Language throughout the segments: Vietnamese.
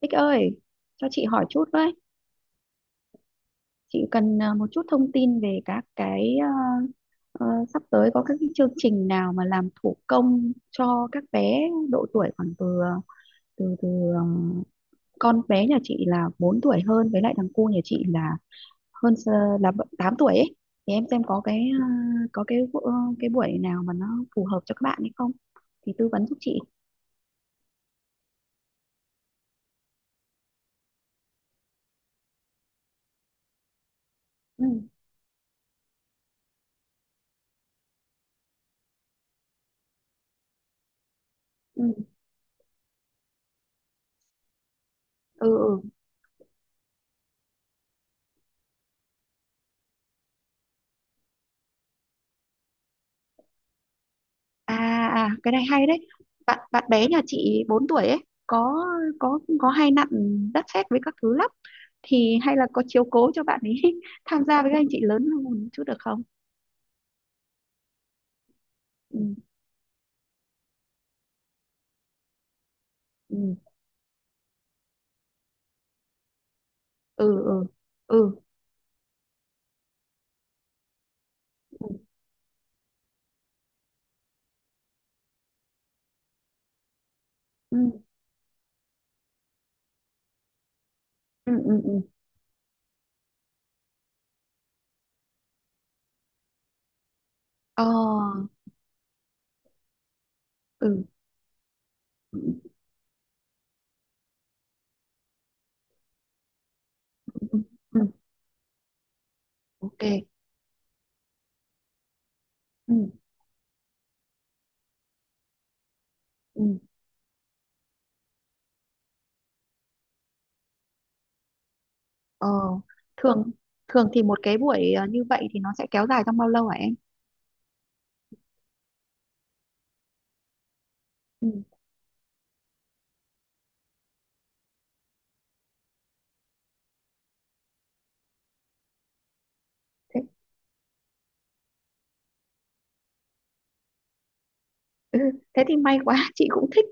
Bích ơi, cho chị hỏi chút với. Chị cần một chút thông tin về các cái ờ, sắp tới có các cái chương trình nào mà làm thủ công cho các bé độ tuổi khoảng từ à, từ từ ờ, con bé nhà chị là 4 tuổi hơn với lại thằng cu nhà chị là 8 tuổi ấy. Thì em xem có cái à, có cái bu- ờ, cái buổi nào mà nó phù hợp cho các bạn hay không thì tư vấn giúp chị. Ừ, ừ, ừ. À, cái này hay đấy. Bạn bạn bé nhà chị 4 tuổi ấy có có hay nặn đất sét với các thứ lắm. Thì hay là có chiếu cố cho bạn ấy tham gia với các anh chị lớn hơn một chút được không? Ừ, ừ, ừ, ừ, ừ, ừ, ừ, ừ, ừ. Ừ. Ờ, ừ. Ừ. Ừ, ừ, ừ. Ok. Ừ, ừ. Ờ, thường thường thì một cái buổi như vậy thì nó sẽ kéo dài trong bao lâu hả em? Ừ. Ừ, thế thì may quá, chị cũng thích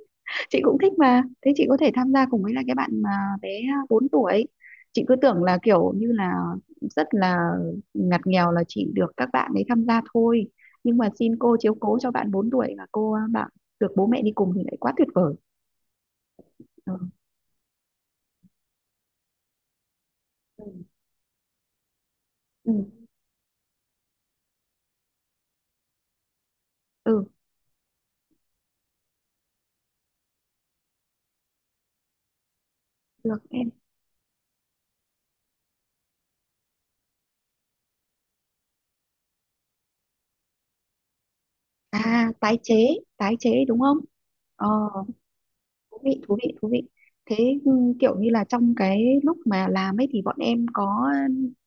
chị cũng thích mà thế chị có thể tham gia cùng với là cái bạn mà bé 4 tuổi. Chị cứ tưởng là kiểu như là rất là ngặt nghèo, là chỉ được các bạn ấy tham gia thôi, nhưng mà xin cô chiếu cố cho bạn 4 tuổi và bạn được bố mẹ đi cùng thì lại quá tuyệt vời. Ừ, ừ. Ừ, ừ được em. À, tái chế đúng không? ờ Thú vị, thú vị, thú vị. Thế, ừ, kiểu như là trong cái lúc mà làm ấy thì bọn em có,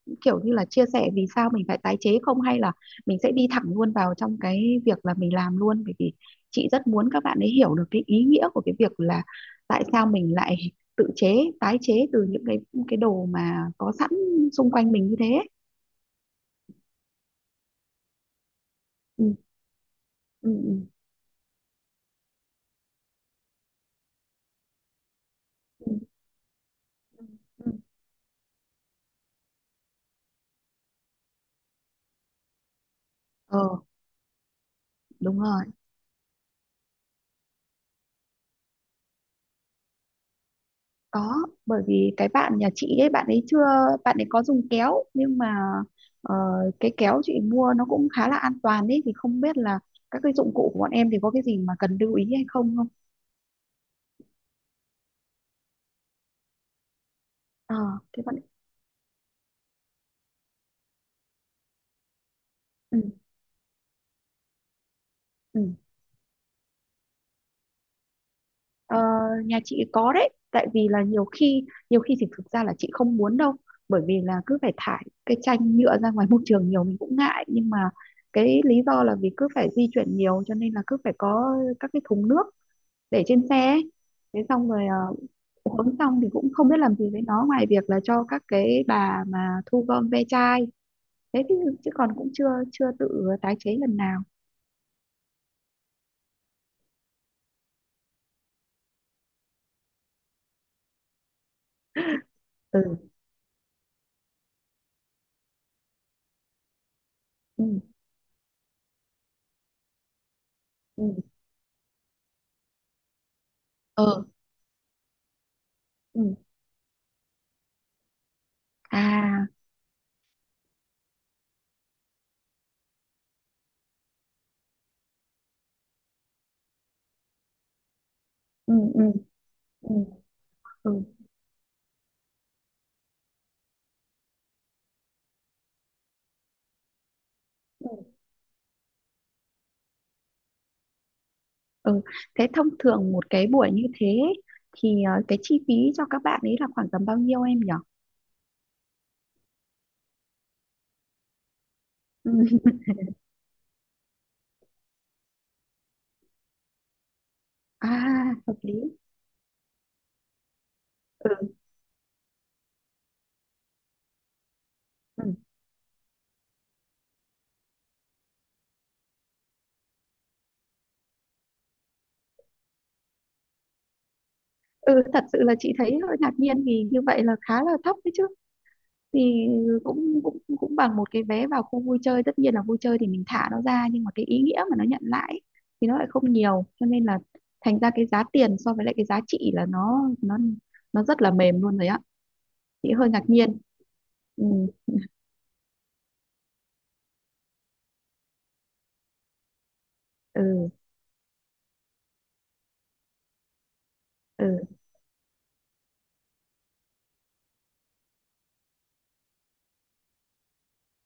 ừ, kiểu như là chia sẻ vì sao mình phải tái chế không, hay là mình sẽ đi thẳng luôn vào trong cái việc là mình làm luôn, bởi vì chị rất muốn các bạn ấy hiểu được cái ý nghĩa của cái việc là tại sao mình lại tự chế, tái chế từ những cái đồ mà có sẵn xung quanh mình như thế ấy. Ừ, ừ, ừ, ừ, ừ. Ừ. ờ Đúng rồi. Có, bởi vì cái bạn nhà chị ấy, bạn ấy chưa, bạn ấy có dùng kéo nhưng mà ờ, cái kéo chị mua nó cũng khá là an toàn đấy, thì không biết là các cái dụng cụ của bọn em thì có cái gì mà cần lưu ý hay không không. ờ Thế bạn. Ừ, ừ. Ờ, nhà chị có đấy, tại vì là nhiều khi thì thực ra là chị không muốn đâu, bởi vì là cứ phải thải cái chanh nhựa ra ngoài môi trường nhiều mình cũng ngại, nhưng mà cái lý do là vì cứ phải di chuyển nhiều, cho nên là cứ phải có các cái thùng nước để trên xe ấy. Thế xong rồi, uống xong thì cũng không biết làm gì với nó ngoài việc là cho các cái bà mà thu gom ve chai. Thế chứ, chứ còn cũng chưa chưa tự tái chế lần nào. Ừ, ừ, ừ, ừ, ừ. À, ừ, ừ, ừ, ừ, ừ, ừ. Thế thông thường một cái buổi như thế thì cái chi phí cho các bạn ấy là khoảng tầm bao nhiêu em nhỉ? Ừ. À, hợp lý. Ừ, ừ. Ừ, thật sự là chị thấy hơi ngạc nhiên vì như vậy là khá là thấp đấy chứ, thì cũng cũng cũng bằng một cái vé vào khu vui chơi. Tất nhiên là vui chơi thì mình thả nó ra, nhưng mà cái ý nghĩa mà nó nhận lại ấy, thì nó lại không nhiều, cho nên là thành ra cái giá tiền so với lại cái giá trị là nó rất là mềm luôn rồi á. Chị hơi ngạc nhiên. Ừ, ừ, ừ,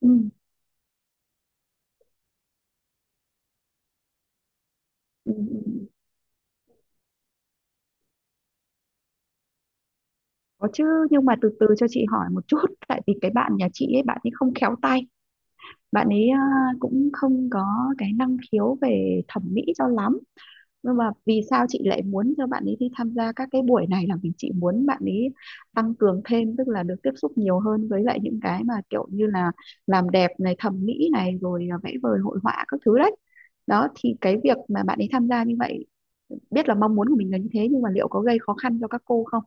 ừ, ừ. Ừ. Ừ. Có chứ, nhưng mà từ từ cho chị hỏi một chút. Tại vì cái bạn nhà chị ấy, bạn ấy không khéo tay, bạn ấy cũng không có cái năng khiếu về thẩm mỹ cho lắm. Nhưng mà vì sao chị lại muốn cho bạn ấy đi tham gia các cái buổi này là vì chị muốn bạn ấy tăng cường thêm, tức là được tiếp xúc nhiều hơn với lại những cái mà kiểu như là làm đẹp này, thẩm mỹ này, rồi vẽ vời hội họa các thứ đấy. Đó thì cái việc mà bạn ấy tham gia như vậy, biết là mong muốn của mình là như thế, nhưng mà liệu có gây khó khăn cho các cô không?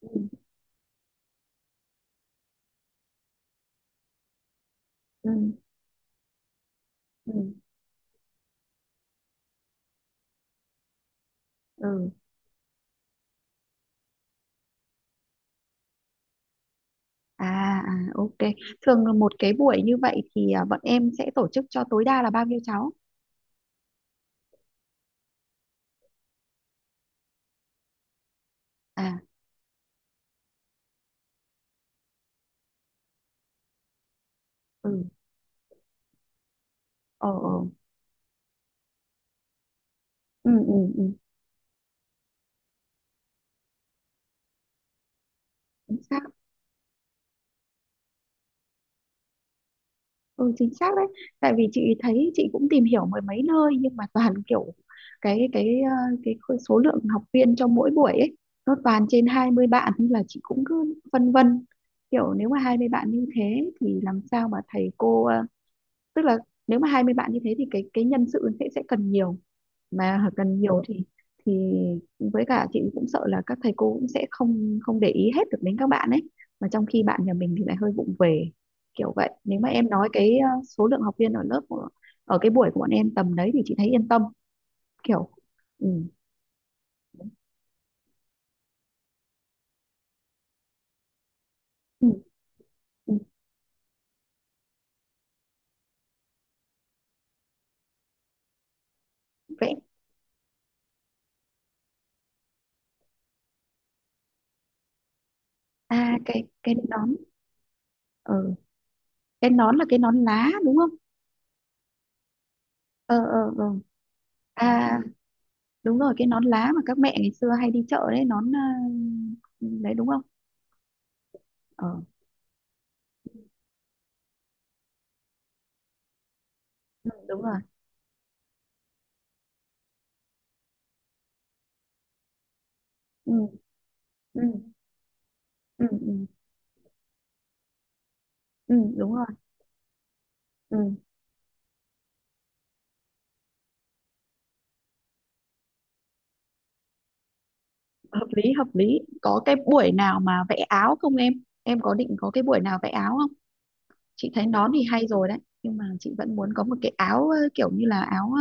Ừ. Ừ, ừ, ừ. À, ok. Thường là một cái buổi như vậy thì bọn em sẽ tổ chức cho tối đa là bao nhiêu cháu? À, ừ, ờ, ừ, ừ, ừ, chính xác. Ừ, chính xác đấy. Tại vì chị thấy chị cũng tìm hiểu mười mấy nơi nhưng mà toàn kiểu cái ờ, cái khối- số lượng học viên cho mỗi buổi ấy nó toàn trên 20 bạn nên là chị cũng cứ phân vân. Kiểu nếu mà 20 bạn như thế thì làm sao mà thầy cô tức là nếu mà 20 bạn như thế thì cái nhân sự sẽ cần nhiều, mà cần nhiều thì với cả chị cũng sợ là các thầy cô cũng sẽ không không để ý hết được đến các bạn ấy, mà trong khi bạn nhà mình thì lại hơi vụng về, kiểu vậy. Nếu mà em nói cái số lượng học viên ở cái buổi của bọn em tầm đấy thì chị thấy yên tâm, kiểu. Ừ, ừ, ừ. Vẽ? Cái nón. Ừ. Cái nón là cái nón lá đúng không? Ờ, ờ, ờ. À, đúng rồi, cái nón lá mà các mẹ ngày xưa hay đi chợ đấy, nón à, đấy đúng không? Ờ. Ừ, đúng rồi. Ừ, ừ, ừ, ừ, ừ, đúng rồi. Ừ. Hợp lý, hợp lý. Có cái buổi nào mà vẽ áo không Em có định có cái buổi nào vẽ áo không? Chị thấy nón thì hay rồi đấy, nhưng mà chị vẫn muốn có một cái áo, kiểu như là áo, ờ,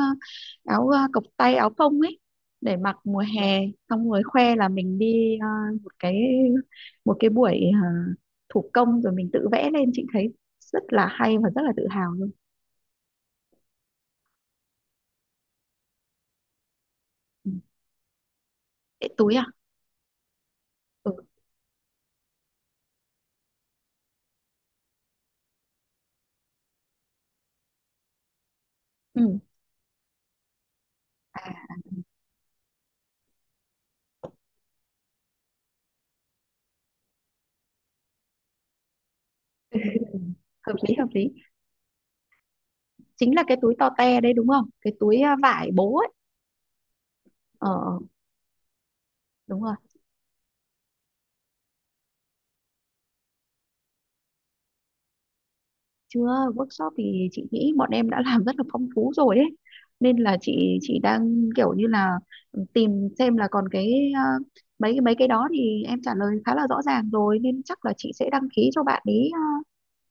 áo ờ, cộc tay áo phông ấy, để mặc mùa hè, xong rồi khoe là mình đi, một cái, buổi thủ công rồi mình tự vẽ lên. Chị thấy rất là hay và rất là tự hào luôn. Ừ. Cái túi à? Ừ. Ừ. À, hợp lý, hợp lý, chính là cái túi to te đấy đúng không, cái túi vải bố ấy. Ờ, đúng rồi. Chưa, workshop thì chị nghĩ bọn em đã làm rất là phong phú rồi ấy, nên là chị đang kiểu như là, ừ, tìm xem là còn cái, mấy cái đó thì em trả lời khá là rõ ràng rồi, nên chắc là chị sẽ đăng ký cho bạn ý ờ,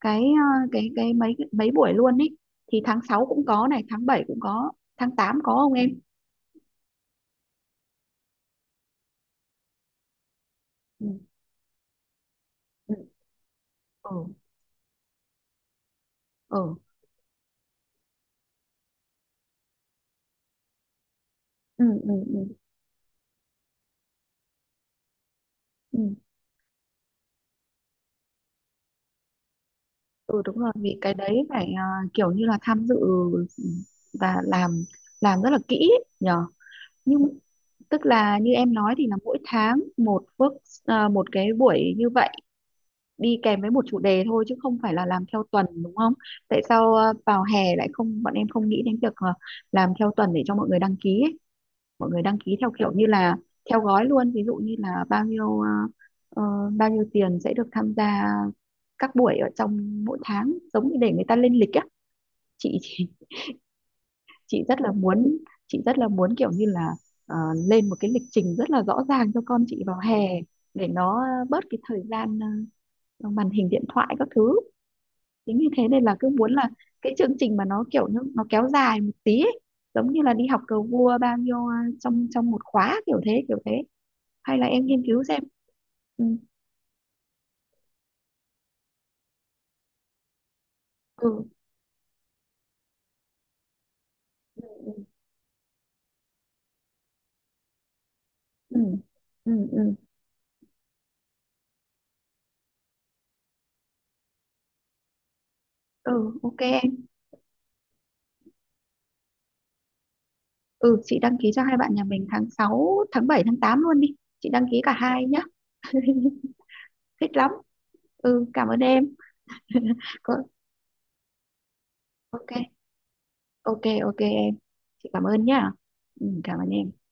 cái ờ, cái mấy mấy buổi luôn ấy. Thì tháng 6 cũng có này, tháng 7 cũng có, tháng 8 có không em? Ừ, ừ, ừ, ừ, ừ, ừ, ừ, ừ. Ừ, đúng rồi vì cái đấy phải kiểu như là tham dự, ừ, và làm rất là kỹ ấy, nhờ. Nhưng tức là như em nói thì là mỗi tháng một một cái buổi như vậy, đi kèm với một chủ đề thôi chứ không phải là làm theo tuần đúng không? Tại sao vào hè lại không, bọn em không nghĩ đến việc làm theo tuần để cho mọi người đăng ký ấy. Mọi người đăng ký theo kiểu như là theo gói luôn, ví dụ như là ờ, bao nhiêu tiền sẽ được tham gia các buổi ở trong mỗi tháng, giống như để người ta lên lịch á. Chị chị rất là muốn, kiểu như là ờ, lên một cái lịch trình rất là rõ ràng cho con chị vào hè, để nó bớt cái thời gian màn hình điện thoại các thứ. Chính vì thế nên là cứ muốn là cái chương trình mà nó kiểu như nó kéo dài một tí ấy, giống như là đi học cờ vua bao nhiêu trong trong một khóa, kiểu thế kiểu thế. Hay là em nghiên cứu xem. Ừ, ừ, ừ, ừ, ừ, ừ, ok em. Ừ, chị đăng ký cho hai bạn nhà mình tháng 6 tháng 7 tháng 8 luôn đi, chị đăng ký cả hai nhá. Thích lắm. Ừ, cảm ơn em. Có- ok, ok em. Chị cảm ơn nhá. Ừ, cảm ơn em.